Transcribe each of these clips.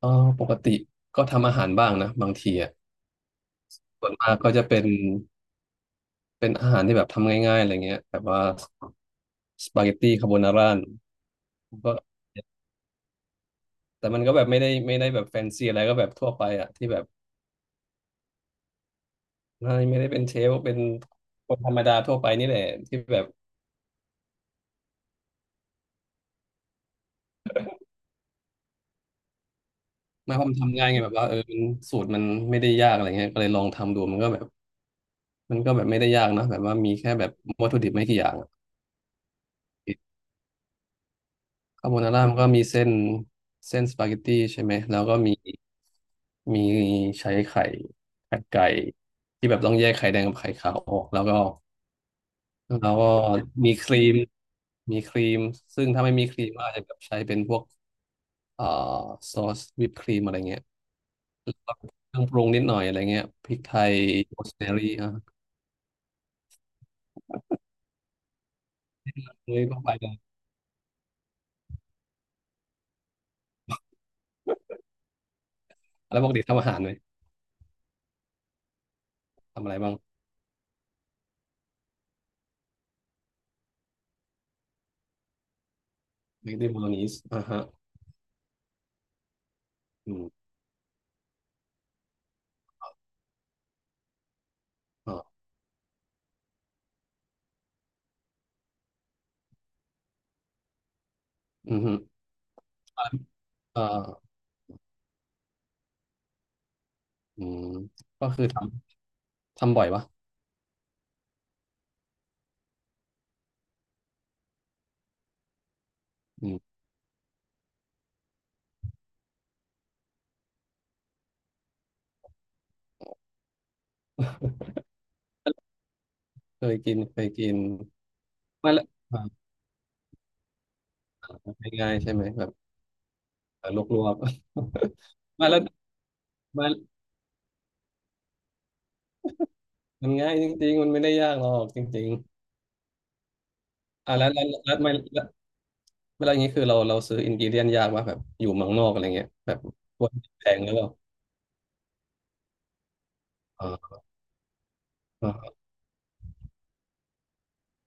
เออปกติก็ทำอาหารบ้างนะบางทีอ่ะส่วนมากก็จะเป็นอาหารที่แบบทำง่ายๆอะไรเงี้ยแบบว่าสปาเกตตี้คาโบนาร่าก็แต่มันก็แบบไม่ได้แบบแฟนซีอะไรก็แบบทั่วไปอ่ะที่แบบไม่ได้เป็นเชฟเป็นคนธรรมดาทั่วไปนี่แหละที่แบบไม่เพราะมันทำง่ายไงแบบว่าเออมันสูตรมันไม่ได้ยากอะไรเงี้ยก็เลยลองทำดูมันก็แบบมันก็แบบไม่ได้ยากนะแบบว่ามีแค่แบบวัตถุดิบไม่กี่อย่าง คาโบนาร่ามันก็มีเส้นสปาเกตตี้ใช่ไหมแล้วก็มีใช้ไข่ไข่ไก่ที่แบบต้องแยกไข่แดงกับไข่ขาวออกแล้วก็แล้วก็มีครีมมีครีมซึ่งถ้าไม่มีครีมก็อาจจะแบบใช้เป็นพวกเอ่อซอสวิปครีมอะไรเงี้ยแล้วก็เครื่องปรุงนิดหน่อยอะไรเงี้ยพริกไทยโรสแมรี่อ่ะเฮ้ยต้องไปเลยแล้วปกติทำอาหารไหมทำอะไรบ้างสปาเกตตี้โบโลนีสอ่าฮะอืมอ๋ออืมฮึเอ่อ อืมก็คือทำทำบ่อยปะอืมเคยกินเคยกินมาแล้วอ่าง่ายๆใช่ไหมแบบเออลวกๆ มาแล้วมามันง่ายจริงๆมันไม่ได้ยากหรอกจริงๆอ่ะแล้วไม่แล้วเวลาอย่างนี้คือเราซื้ออินกิเดียนยากว่าแบบอยู่เมืองนอกอะไรเงี้ยแบบควรแพงหรือเปล่าอ่าอ่า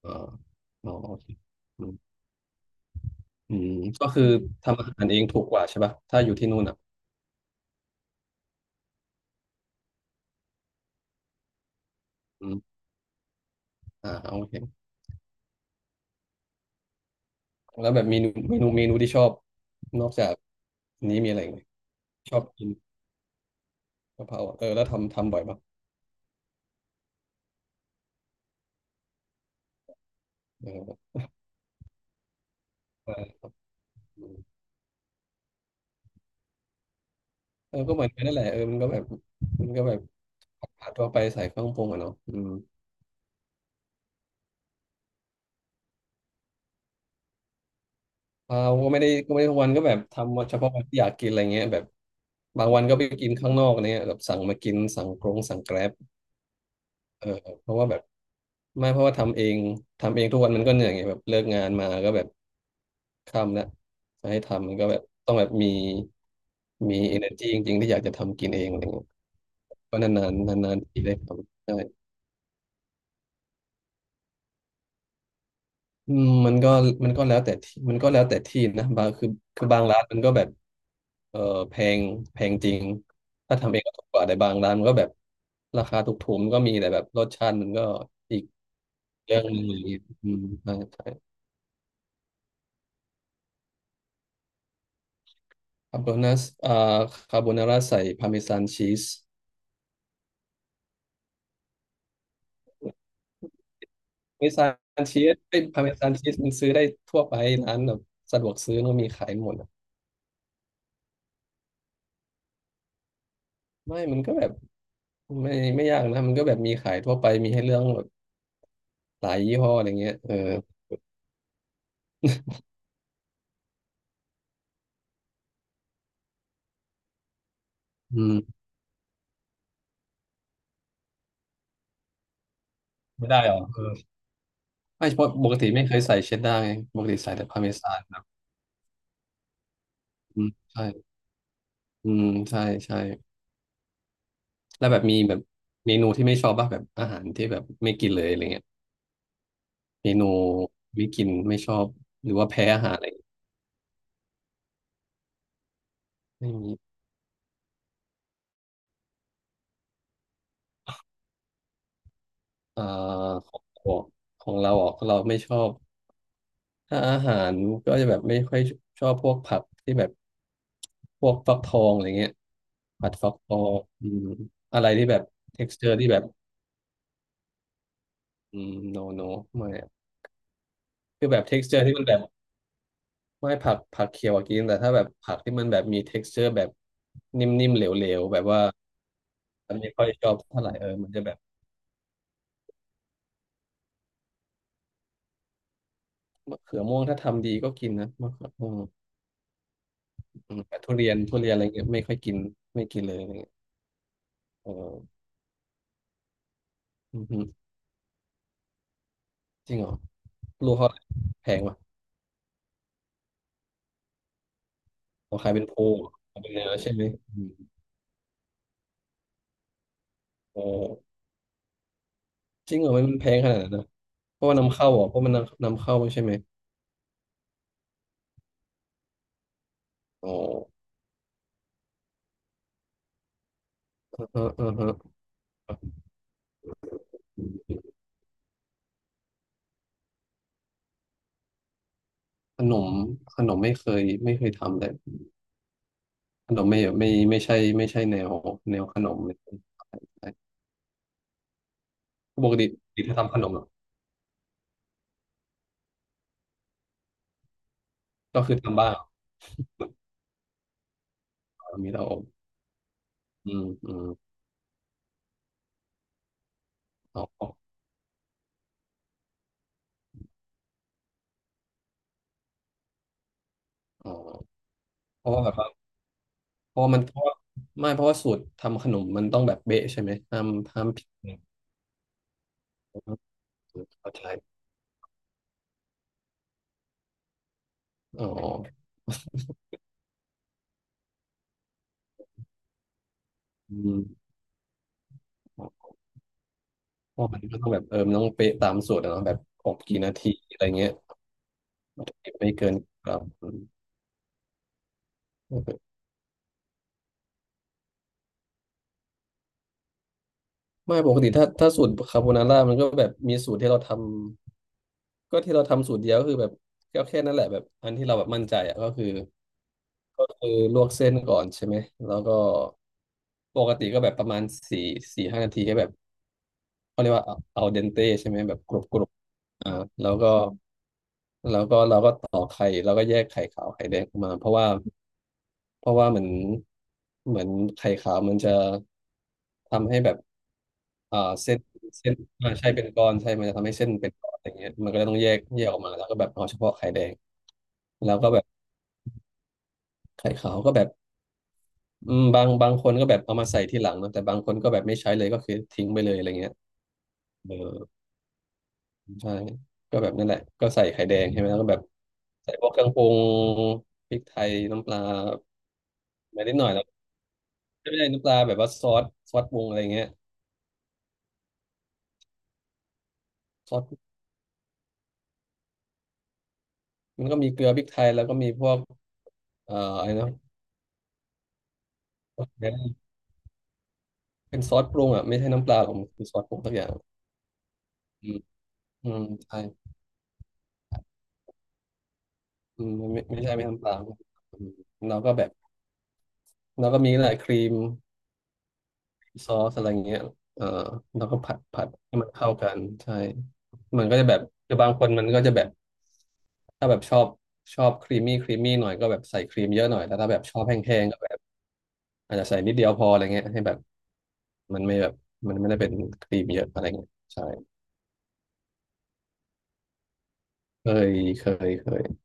อ่าอ๋อโอเคอืมอืมก็คือทำอาหารเองถูกกว่าใช่ปะถ้าอยู่ที่นู่นอ่ะอืมอ่าโอเค แล้วแบบเมนูที่ชอบนอกจากนี้มีอะไรอีกไหมชอบกินกะเพราอะเออแล้วทำทำบ่อยปะเออเออเออก็เหมือนกันนั่นแหละเออมันก็แบบมันก็แบบผัดทั่วไปใส่เครื่องปรุงอะเนาะอืมเราก็ไม่ได้ทุกวันก็แบบทำเฉพาะวันที่อยากกินอะไรเงี้ยแบบบางวันก็ไปกินข้างนอกอะไรเงี้ยแบบสั่งมากินสั่งกรงสั่งแกร็บ เออเพราะว่าแบบไม่เพราะว่าทำเองทำเองทุกวันมันก็เหนื่อยไงแบบเลิกงานมาก็แบบค่ำแล้วจะให้ทำมันก็แบบต้องแบบมี energy จริงๆ ที่อยากจะทำกินเองอะไรเงี้ยก็นานๆนานๆทีได้ทำใช่ อืมมันก็แล้วแต่ที่มันก็แล้วแต่ที่นะบางคือบางร้านมันก็แบบเออแพงแพงจริงถ้าทำเองก็ถูกกว่าแต่บางร้านมันก็แบบราคาถูกๆมันก็มีแต่แบบรสชาติมันก็อีกเรื่องหนึงอย่างเงี้ยอืมใช่ใช่คาโบนาอ่าคาโบนาร่าใส่พาร์เมซานชีสพาร์เมซานชีสไอ้พาร์เมซานชีสมันซื้อได้ทั่วไปร้านแบบสะดวกซื้อมันก็มีขายหมดอะไม่มันก็แบบไม่ยากนะมันก็แบบมีขายทั่วไปมีให้เลือกแบบหลายยี่ห้ออะไรเงี้ยเออ อืมไม่ได้หรอเออไม่เพราะปกติไม่เคยใส่เชดดาร์ไงปกติใส่แต่พาร์เมซานครับอืมใช่อืมใช่ใช่แล้วแบบมีแบบเมนูที่ไม่ชอบบ้างแบบอาหารที่แบบไม่กินเลยอะไรเงี้ยเมนูไม่กินไม่ชอบหรือว่าแพ้อาหารอะไรไม่มีอ่าของของเราออกเราไม่ชอบถ้าอาหารก็จะแบบไม่ค่อยชอบพวกผักที่แบบพวกฟักทองอะไรเงี้ยผัดฟักทองอืมอะไรที่แบบ texture ทกซ์เจอร์ที่แบบอืม no no ไม่ คือแบบ texture ที่มันแบบไม่ผักผักเขียวอะกินแต่ถ้าแบบผักที่มันแบบมี texture แบบนิ่มๆเหลวๆ แบบว่ามันไม่ค่อยชอบเท่าไหร่เออมันจะแบบมะเขือม่วงถ้าทำดีก็กินนะมะเขือม่วงอืมแต่ทุเรียนทุเรียนอะไรเงี้ยไม่ค่อยกินไม่กินเลยอะไรเงี้ยเอออือฮึจริงเหรอลูกเขาแพงป่ะเขาขายเป็นโพขายเป็นเนื้อใช่ไหมอืมโอ้จริงเหรอมันแพงขนาดนั้นนะเพราะว่านำเข้าเหรอเพราะมันนำเข้าใช่ไหมอ๋ออือฮะอือฮะ ขนมขนมไม่เคยทำเลยขนมไม่ใช่ไม่ใช่แนวแนวขนมเลยใช่ปกติปกติถ้าทำขนมเหรอะก็คือทำบ้างมีเตาอบอืมอ๋ออ๋อเพราะว่าแบบว่าเพราะว่าไม่เพราะว่าสูตรทำขนมมันต้องแบบเบ๊ะใช่ไหมห้ามห้ามผิดเข้าใจอ๋ออืมเพราะมันก็ต้องแบบเออมันต้องเป๊ะตามสูตรอะเนาะแบบอบกี่นาทีอะไรเงี้ยไม่เกินครับ ไม่ปกติถ้าสูตรคาโบนาร่ามันก็แบบมีสูตรที่เราทำก็ที่เราทำสูตรเดียวก็คือแบบก็แค่นั้นแหละแบบอันที่เราแบบมั่นใจอ่ะก็คือลวกเส้นก่อนใช่ไหมแล้วก็ปกติก็แบบประมาณสี่4-5 นาทีก็แบบเขาเรียกว่าเอาเดนเตใช่ไหมแบบกรุบกรุบอ่าแล้วก็แล้วก็เราก็ต่อกไข่แล้วก็แยกไข่ขาวไข่แดงออกมาเพราะว่าเหมือนไข่ขาวมันจะทำให้แบบ เอ่อเส้นเส้นอ่าใช่เป็นก้อนใช่มันจะทำให้เส้นเป็นก้อนอย่างเงี้ยมันก็เลยต้องแยกออกมาแล้วก็แบบเอาเฉพาะไข่แดงแล้วก็แบบไข่ขาวก็แบบบางคนก็แบบเอามาใส่ที่หลังเนอะแต่บางคนก็แบบไม่ใช้เลยก็คือทิ้งไปเลยอะไรเงี้ยเออใช่ก็แบบนั่นแหละก็ใส่ไข่แดงใช่ไหมแล้วก็แบบใส่พวกเครื่องปรุงพริกไทยน้ำปลาไม่นิดหน่อยแล้วไม่ได้น้ำปลาแบบว่าซอสปรุงอะไรเงี้ยซอสมันก็มีเกลือพริกไทยแล้วก็มีพวกอะไรนะ เป็นซอสปรุงอ่ะไม่ใช่น้ำปลาหรอกมันคือซอสปรุงสักอย่างอืมอืมใช่อืมไม่ไม่ใช่ไม่น้ำปลาอืมเราก็แบบเราก็มีแหละครีมซอสอะไรอย่างเงี้ยเออเราก็ผัดให้มันเข้ากันใช่มันก็จะแบบคือบางคนมันก็จะแบบถ้าแบบชอบครีมมี่ครีมมี่หน่อยก็แบบใส่ครีมเยอะหน่อยแต่ถ้าแบบชอบแห้งๆก็แบบอาจจะใส่นิดเดียวพออะไรเงี้ยให้แบบมันไม่แบบมันไม่ได้เป็นครีมเยอะอะไรเงี้ยใช่เคยเคยเคย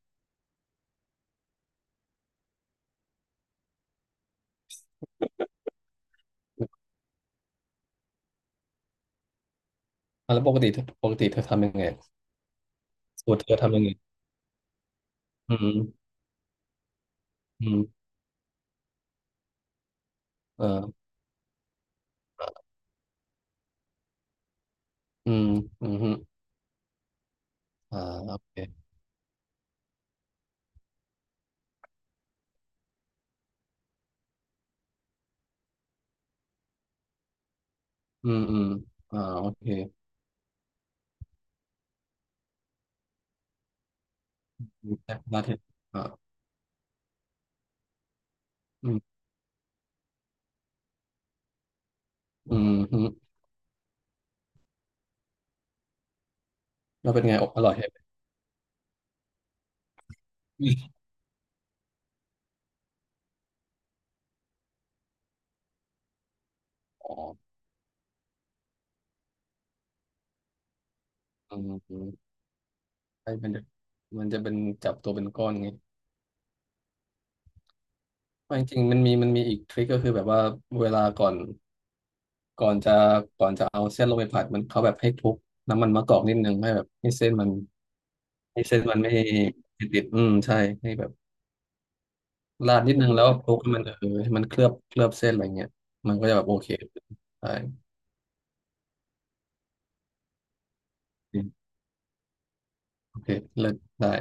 อ่ะแล้วปกติเธอทำยังไง สูตรเธอทำยังไงอืมอืมเอออืมอืมฮึอ่าโอเคอืมอืมอ่าโอเคแซ่บมาเทศอ่าอืมอืมฮึแล้วเป็นไงอบอร่อยไหมอ๋ออืมอืมใช่มันจะเป็นจับตัวเป็นก้อนไงไม่จริงๆมันมีอีกทริคก็คือแบบว่าเวลาก่อนจะก่อนจะเอาเส้นลงไปผัดมันเขาแบบให้คลุกน้ำมันมะกอกนิดนึงให้แบบให้เส้นมันไม่ติดอืมใช่ให้แบบ ราดนิดนึงแล้วคลุกให้มันเคลือบเส้นอะไรเงี้ยมันก็จะแบบโอเคใช่โอเคเลิกได้